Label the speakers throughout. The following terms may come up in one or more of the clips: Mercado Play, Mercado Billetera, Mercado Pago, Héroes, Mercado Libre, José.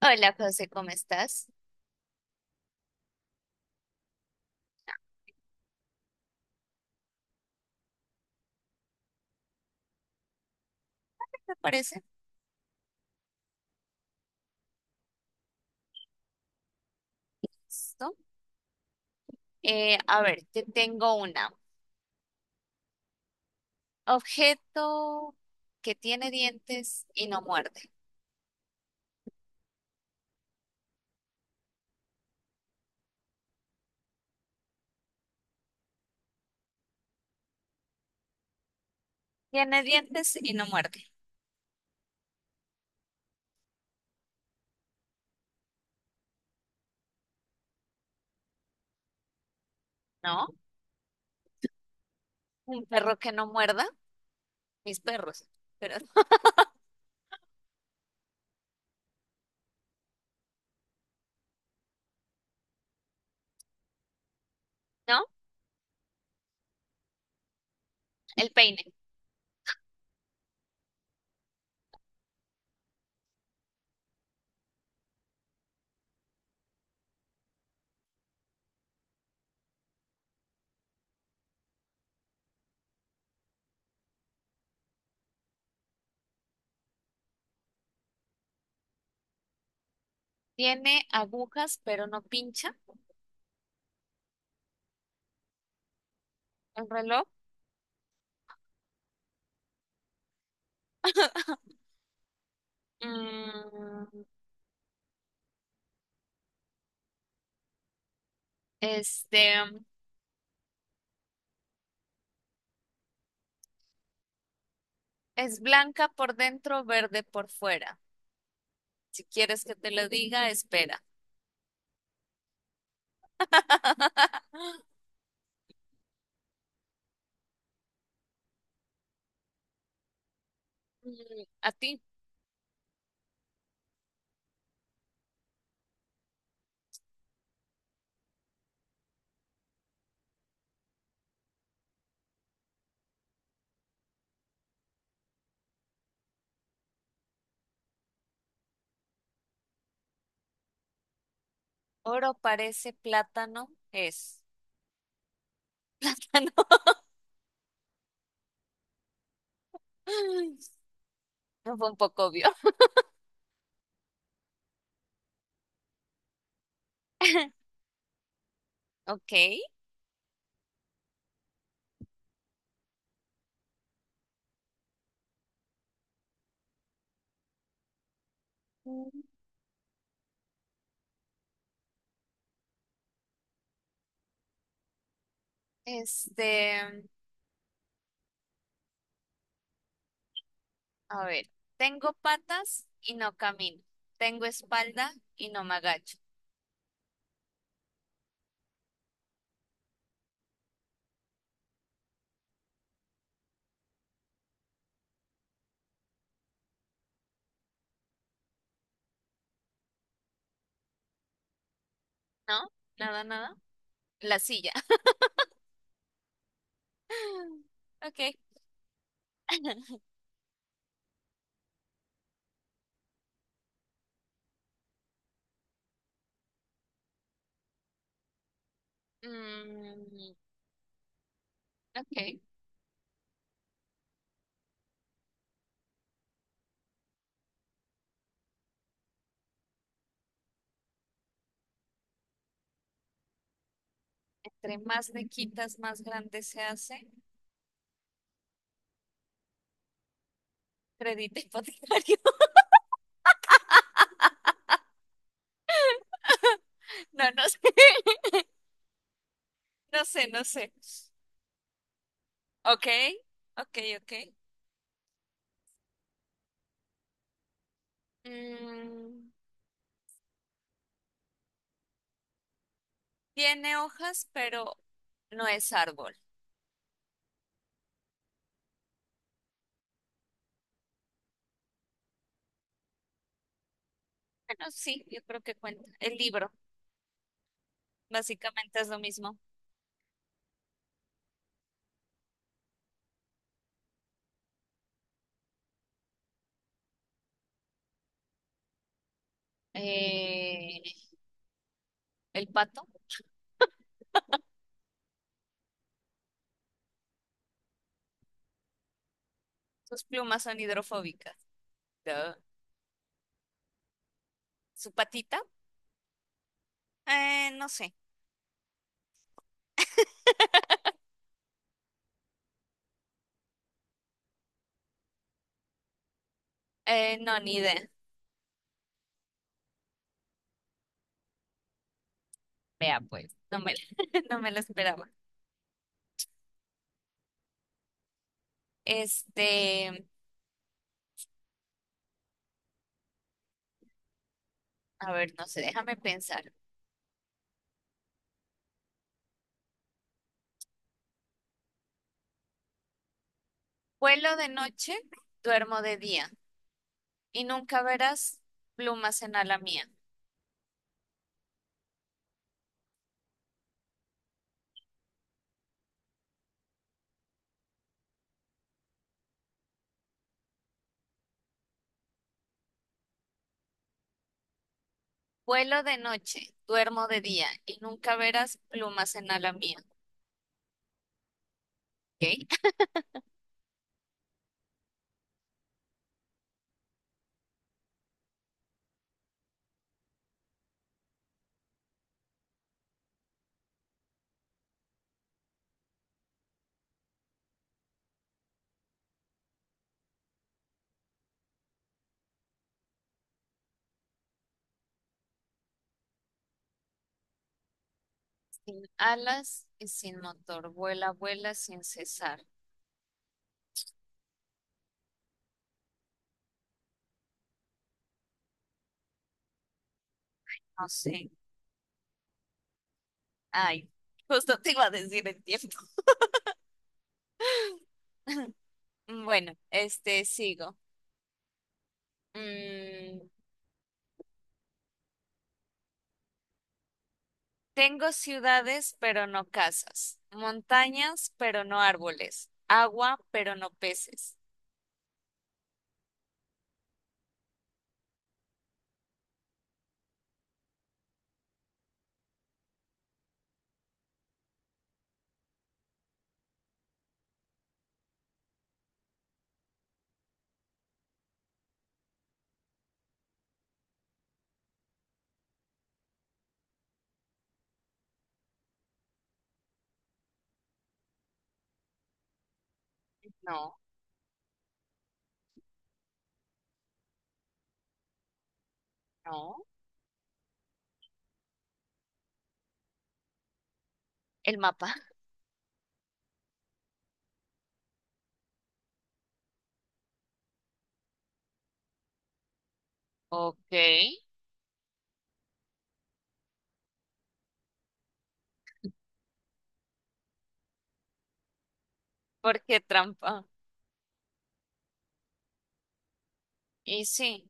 Speaker 1: Hola, José, ¿cómo estás? ¿Te parece? ¿Listo? A ver, te tengo una. Objeto que tiene dientes y no muerde. Tiene dientes y no muerde, ¿no? Un perro que no muerda, mis perros, pero no. El peine. Tiene agujas, pero no pincha. El reloj. Mm, este, es blanca por dentro, verde por fuera. Si quieres que te lo diga, espera. Mm, a ti, oro parece plátano, es plátano. No fue un poco obvio. Ok. Mm. Este, a ver, tengo patas y no camino. Tengo espalda y no me agacho. ¿No? Nada, nada. La silla. Ok. Mm, ok. Entre más le quitas, más grande se hace. Crédito hipotecario. No, no sé. No sé, no sé. Ok, ok, ok. Mm, tiene hojas, pero no es árbol. Bueno, sí, yo creo que cuenta. El libro, básicamente es lo mismo. Eh, el pato, sus plumas son hidrofóbicas. Duh. ¿Su patita? No sé. No, ni idea. Vea, pues, no me, no me lo esperaba. Este, a ver, no sé, déjame pensar. Vuelo de noche, duermo de día y nunca verás plumas en ala mía. Vuelo de noche, duermo de día y nunca verás plumas en ala mía. ¿Ok? Sin alas y sin motor, vuela, vuela sin cesar. No sé. Ay, justo te iba a decir el tiempo. Bueno, este, sigo. Mm, tengo ciudades, pero no casas. Montañas, pero no árboles. Agua, pero no peces. No, no. El mapa. Ok. ¿Por qué trampa? Y sí.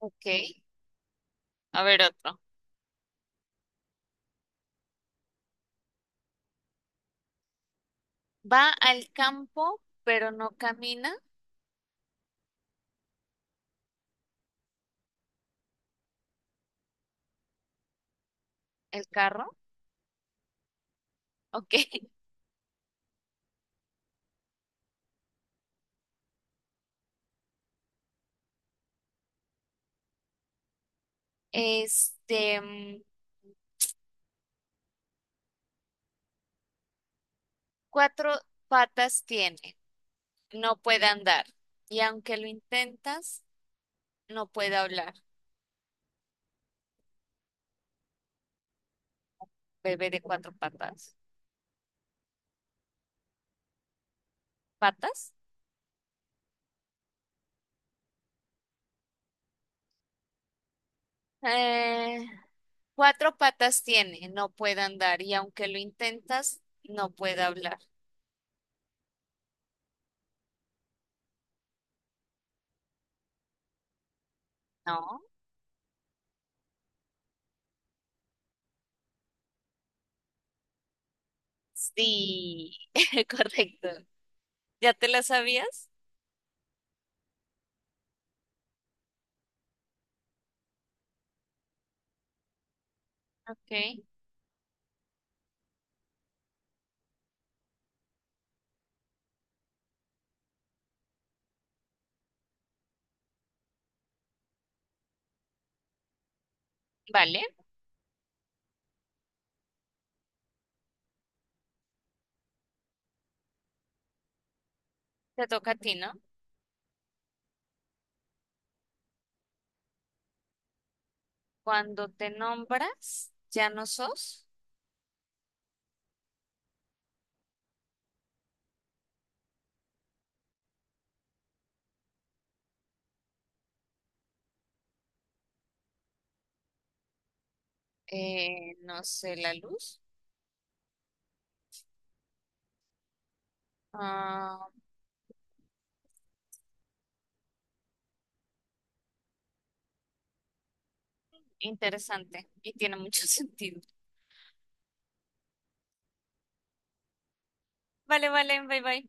Speaker 1: Ok. A ver otro. Va al campo, pero no camina el carro. Ok. Este, mm, cuatro patas tiene, no puede andar. Y aunque lo intentas, no puede hablar. Bebé de cuatro patas. ¿Patas? Eh, cuatro patas tiene, no puede andar. Y aunque lo intentas, no puede hablar. ¿No? Sí, correcto. ¿Ya te la sabías? Ok. Vale, te toca a ti, ¿no? Cuando te nombras, ya no sos, no sé, la luz. Ah, interesante y tiene mucho sentido. Vale, vale, bye bye.